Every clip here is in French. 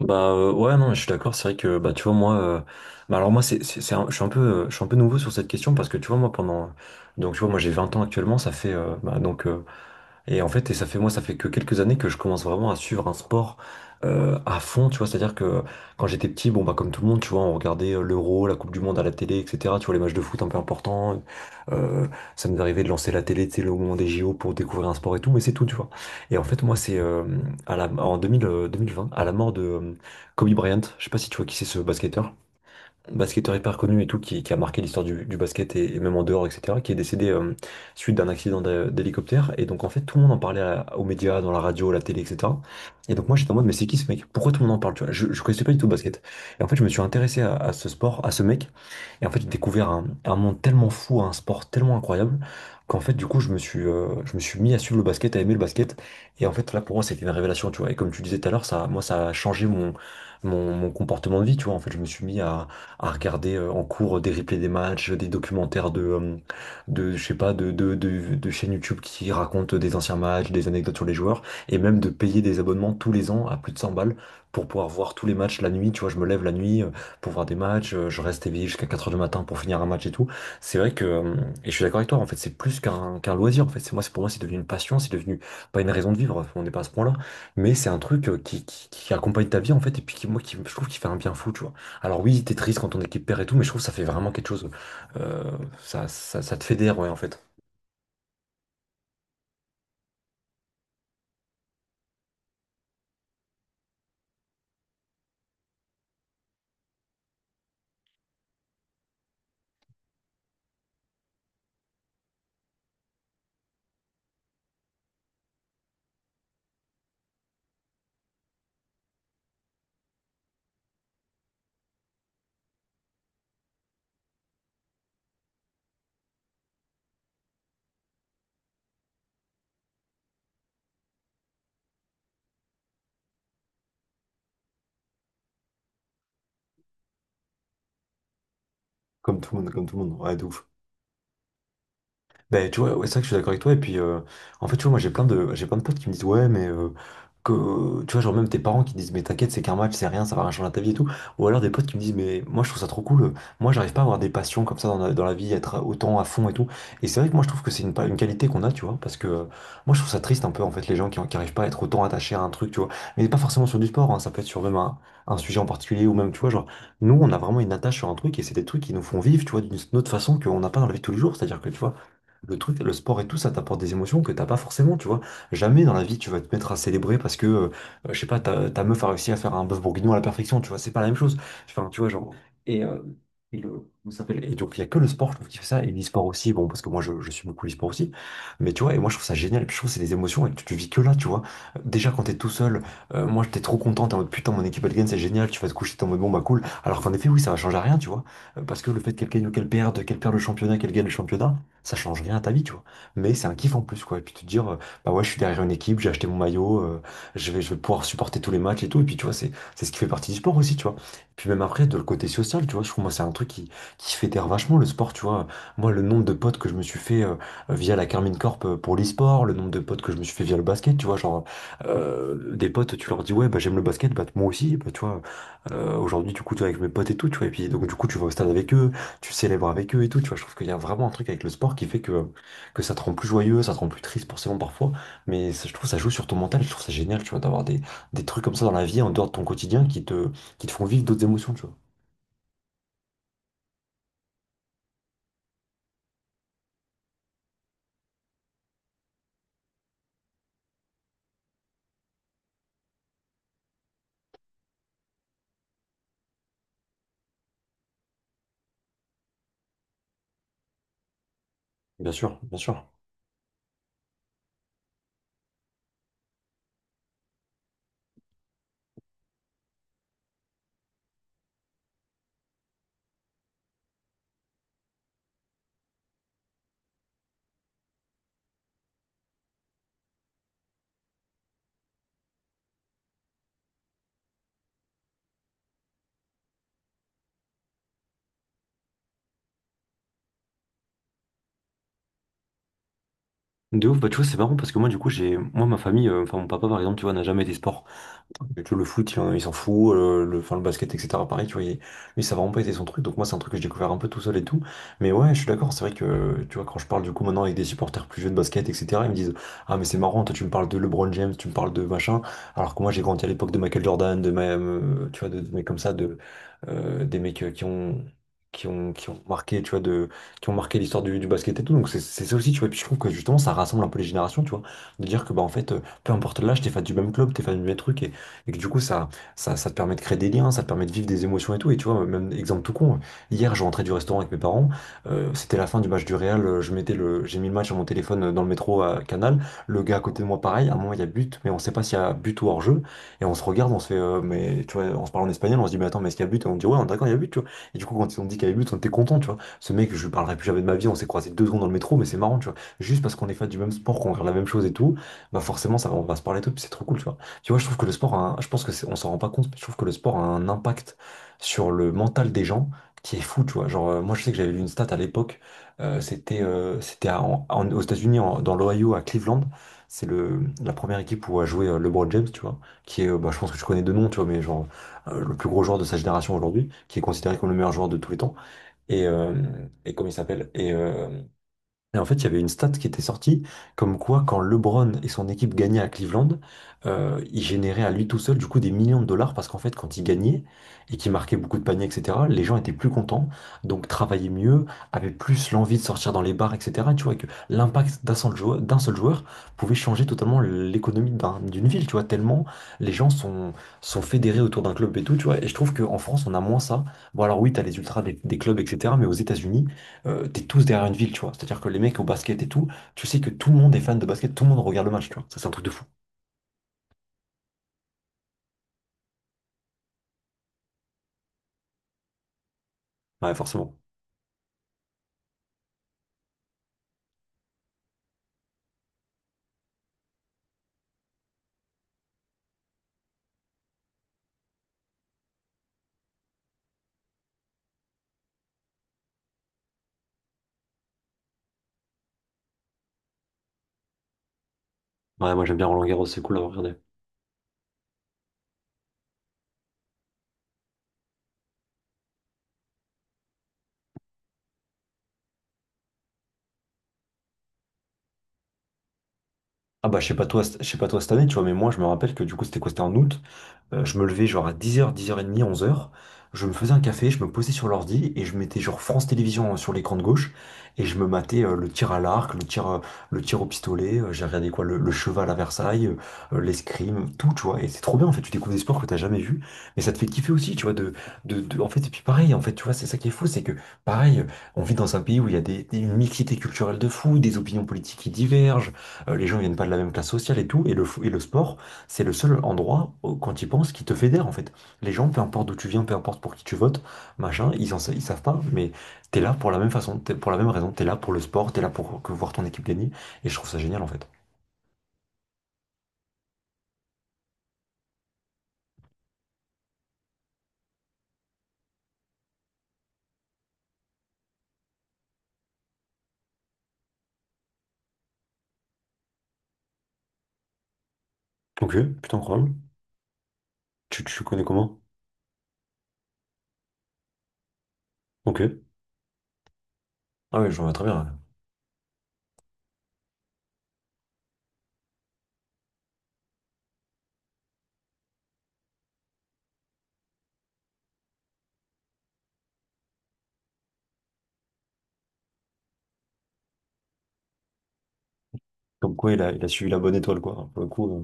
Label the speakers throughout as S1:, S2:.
S1: Ouais, non, je suis d'accord. C'est vrai que, bah, tu vois, moi bah alors moi c'est un- je suis un peu je suis un peu nouveau sur cette question, parce que tu vois, moi pendant, donc tu vois, moi j'ai 20 ans actuellement, ça fait bah, et en fait, et ça fait moi, ça fait que quelques années que je commence vraiment à suivre un sport à fond, tu vois. C'est-à-dire que quand j'étais petit, bon bah comme tout le monde, tu vois, on regardait l'Euro, la Coupe du Monde à la télé, etc. Tu vois, les matchs de foot un peu importants. Euh, Ça nous arrivait de lancer la télé, tu sais, au moment des JO pour découvrir un sport et tout, mais c'est tout, tu vois. Et en fait, moi, c'est à la en 2000, 2020, à la mort de Kobe Bryant. Je sais pas si tu vois qui c'est, ce basketteur, hyper connu et tout, qui a marqué l'histoire du basket et même en dehors, etc., qui est décédé suite d'un accident d'hélicoptère. Et donc, en fait, tout le monde en parlait aux médias, dans la radio, à la télé, etc. Et donc moi, j'étais en mode, mais c'est qui ce mec? Pourquoi tout le monde en parle, tu vois? Je connaissais pas du tout le basket. Et en fait, je me suis intéressé à ce sport, à ce mec. Et en fait, j'ai découvert un monde tellement fou, un sport tellement incroyable, qu'en fait, du coup, je me suis mis à suivre le basket, à aimer le basket. Et en fait, là, pour moi, c'était une révélation, tu vois. Et comme tu disais tout à l'heure, ça, moi, ça a changé mon comportement de vie, tu vois. En fait, je me suis mis à regarder en cours des replays des matchs, des documentaires de, je sais pas, de chaînes YouTube qui racontent des anciens matchs, des anecdotes sur les joueurs, et même de payer des abonnements tous les ans à plus de 100 balles pour pouvoir voir tous les matchs la nuit. Tu vois, je me lève la nuit, pour voir des matchs, je reste éveillé jusqu'à 4 heures du matin pour finir un match et tout. C'est vrai que, et je suis d'accord avec toi, en fait, c'est plus qu'un loisir, en fait. C'est moi, c'est pour moi, c'est devenu une passion, c'est devenu pas une raison de vivre, on n'est pas à ce point-là, mais c'est un truc qui accompagne ta vie, en fait, et puis qui, moi, qui, je trouve qu'il fait un bien fou, tu vois. Alors oui, t'es triste quand ton équipe perd et tout, mais je trouve que ça fait vraiment quelque chose. Euh, ça te fédère, ouais, en fait. Comme tout le monde, comme tout le monde. Ouais, de ouf. Ben, tu vois, ouais, c'est vrai que je suis d'accord avec toi. Et puis, en fait, tu vois, moi, j'ai plein de potes qui me disent, ouais, que, tu vois, genre même tes parents qui disent, mais t'inquiète, c'est qu'un match, c'est rien, ça va rien changer à ta vie et tout. Ou alors des potes qui me disent, mais moi, je trouve ça trop cool. Moi, j'arrive pas à avoir des passions comme ça dans dans la vie, être autant à fond et tout. Et c'est vrai que moi, je trouve que c'est une qualité qu'on a, tu vois, parce que moi, je trouve ça triste un peu, en fait, les gens qui arrivent pas à être autant attachés à un truc, tu vois. Mais pas forcément sur du sport, hein, ça peut être sur même un sujet en particulier, ou même, tu vois, genre, nous, on a vraiment une attache sur un truc, et c'est des trucs qui nous font vivre, tu vois, d'une autre façon qu'on n'a pas dans la vie de tous les jours. C'est-à-dire que, tu vois, le truc, le sport et tout, ça t'apporte des émotions que t'as pas forcément, tu vois. Jamais dans la vie tu vas te mettre à célébrer parce que, je sais pas, ta meuf a réussi à faire un bœuf bourguignon à la perfection, tu vois. C'est pas la même chose. Enfin, tu vois, genre. Et, euh, et le- comment ça s'appelle? Et donc il y a que le sport, je trouve, qui fait ça. Et l'e-sport aussi, bon, parce que moi, je suis beaucoup l'e-sport aussi. Mais tu vois, et moi, je trouve ça génial. Puis je trouve que c'est des émotions, et que tu vis que là, tu vois. Déjà quand t'es tout seul, moi, j'étais trop content. T'es en mode, putain, mon équipe, elle gagne, c'est génial. Tu vas te coucher, t'es en mode, bon, bah, cool. Alors qu'en effet, oui, ça va changer à rien, tu vois. Parce que le fait qu'elle gagne ou qu'elle perde le championnat, qu'elle gagne le championnat, ça change rien à ta vie, tu vois. Mais c'est un kiff en plus, quoi. Et puis te dire, bah ouais, je suis derrière une équipe, j'ai acheté mon maillot, je vais pouvoir supporter tous les matchs et tout. Et puis, tu vois, c'est ce qui fait partie du sport aussi, tu vois. Et puis même après, de le côté social, tu vois, je trouve, moi, c'est un truc qui fédère vachement le sport, tu vois. Moi, le nombre de potes que je me suis fait via la Carmine Corp pour l'e-sport, le nombre de potes que je me suis fait via le basket, tu vois, genre, des potes, tu leur dis, ouais, bah j'aime le basket, bah moi aussi, bah tu vois, aujourd'hui, du coup, tu vois, avec mes potes et tout, tu vois. Et puis, donc, du coup, tu vas au stade avec eux, tu célèbres avec eux et tout, tu vois, je trouve qu'il y a vraiment un truc avec le sport qui fait que ça te rend plus joyeux, ça te rend plus triste forcément parfois, mais ça, je trouve ça joue sur ton mental, je trouve ça génial, tu vois, d'avoir des trucs comme ça dans la vie, en dehors de ton quotidien, qui te font vivre d'autres émotions, tu vois. Bien sûr, bien sûr. De ouf, bah tu vois, c'est marrant parce que moi, du coup, ma famille, enfin, mon papa, par exemple, tu vois, n'a jamais été sport. Mais tu vois, le foot, il s'en fout, enfin, le basket, etc. Pareil, tu vois, lui, ça a vraiment pas été son truc, donc moi, c'est un truc que j'ai découvert un peu tout seul et tout. Mais ouais, je suis d'accord, c'est vrai que, tu vois, quand je parle du coup maintenant avec des supporters plus jeunes de basket, etc., ils me disent, ah, mais c'est marrant, toi, tu me parles de LeBron James, tu me parles de machin, alors que moi, j'ai grandi à l'époque de Michael Jordan, tu vois, de mecs comme ça, des mecs qui ont. Qui ont marqué, tu vois, qui ont marqué l'histoire du basket et tout. Donc c'est ça aussi, tu vois. Et puis je trouve que justement, ça rassemble un peu les générations, tu vois. De dire que, bah, en fait, peu importe l'âge, t'es fan du même club, t'es fan du même truc. Et que du coup, ça te permet de créer des liens, ça te permet de vivre des émotions et tout. Et tu vois, même exemple tout con, hier, je rentrais du restaurant avec mes parents, c'était la fin du match du Real, j'ai mis le match sur mon téléphone dans le métro à Canal, le gars à côté de moi, pareil, à un moment, il y a but, mais on sait pas s'il y a but ou hors-jeu, et on se regarde, on se fait, mais tu vois, on se parle en espagnol, on se dit, mais attends, mais est-ce qu'il y a but? Et on dit, ouais, on est d'accord, il y a but, tu vois. Et du coup, quand ils ont dit qu'il y avait but, on était content, tu vois. Ce mec, je lui parlerai plus jamais de ma vie, on s'est croisé 2 secondes dans le métro, mais c'est marrant, tu vois. Juste parce qu'on est fan du même sport, qu'on regarde la même chose et tout, bah forcément, ça, on va se parler et tout, puis c'est trop cool, tu vois. Tu vois, je trouve que le sport, je pense que on s'en rend pas compte, mais je trouve que le sport a un impact sur le mental des gens qui est fou, tu vois. Genre, moi, je sais que j'avais lu une stat à l'époque. C'était aux États-Unis, dans l'Ohio, à Cleveland. C'est le la première équipe où a joué LeBron James, tu vois, qui est, bah, je pense que je connais de nom, tu vois, mais genre le plus gros joueur de sa génération aujourd'hui, qui est considéré comme le meilleur joueur de tous les temps. Et, euh, et comment il s'appelle? Et en fait, il y avait une stat qui était sortie, comme quoi quand LeBron et son équipe gagnaient à Cleveland, il générait à lui tout seul du coup des millions de dollars parce qu'en fait, quand il gagnait et qu'il marquait beaucoup de paniers, etc., les gens étaient plus contents, donc travaillaient mieux, avaient plus l'envie de sortir dans les bars, etc. Tu vois, et que l'impact d'un seul joueur pouvait changer totalement l'économie d'une ville, tu vois, tellement les gens sont, fédérés autour d'un club et tout, tu vois. Et je trouve qu'en France, on a moins ça. Bon, alors oui, t'as les ultras des clubs, etc., mais aux États-Unis, t'es tous derrière une ville, tu vois. C'est-à-dire que les mecs au basket et tout, tu sais que tout le monde est fan de basket, tout le monde regarde le match, tu vois. Ça, c'est un truc de fou. Ouais, forcément. Ouais, moi j'aime bien Roland Garros, c'est cool à regarder. Ah bah je sais pas toi cette année, tu vois, mais moi je me rappelle que du coup c'était quoi? C'était en août. Je me levais genre à 10h, 10h30, 11 heures. Je me faisais un café, je me posais sur l'ordi et je mettais genre France Télévisions hein, sur l'écran de gauche et je me matais le tir à l'arc, le tir au pistolet, j'ai regardé quoi, le cheval à Versailles, l'escrime, tout, tu vois. Et c'est trop bien en fait, tu découvres des sports que t'as jamais vus, mais ça te fait kiffer aussi, tu vois, en fait, et puis pareil, en fait, tu vois, c'est ça qui est fou, c'est que pareil, on vit dans un pays où il y a des, une mixité culturelle de fou, des opinions politiques qui divergent, les gens viennent pas de la même classe sociale et tout, et le sport. C'est le seul endroit, quand tu y penses, qui te fédère en fait. Les gens, peu importe d'où tu viens, peu importe pour qui tu votes, machin, ils savent pas, mais t'es là pour la même façon, t'es pour la même raison, t'es là pour le sport, t'es là pour que voir ton équipe gagner, et je trouve ça génial en fait. Ok, putain, incroyable. Tu connais comment? Ok. Ah ouais je vois très bien. Comme quoi, il a suivi la bonne étoile, quoi. Pour le coup,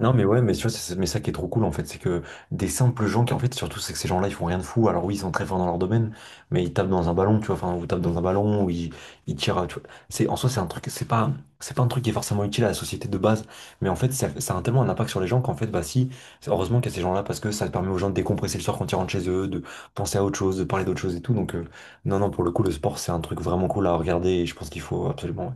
S1: non mais ouais, mais tu vois, c'est mais ça qui est trop cool en fait, c'est que des simples gens qui en fait, surtout, c'est que ces gens-là, ils font rien de fou. Alors oui, ils sont très forts dans leur domaine, mais ils tapent dans un ballon, tu vois, enfin, ou tapent dans un ballon, ou ils tirent tu vois, c'est en soi, c'est un truc, c'est pas un truc qui est forcément utile à la société de base, mais en fait ça, ça a tellement un impact sur les gens qu'en fait, bah si, heureusement qu'il y a ces gens-là parce que ça permet aux gens de décompresser le soir quand ils rentrent chez eux, de penser à autre chose, de parler d'autre chose et tout. Donc non non, pour le coup, le sport, c'est un truc vraiment cool à regarder et je pense qu'il faut absolument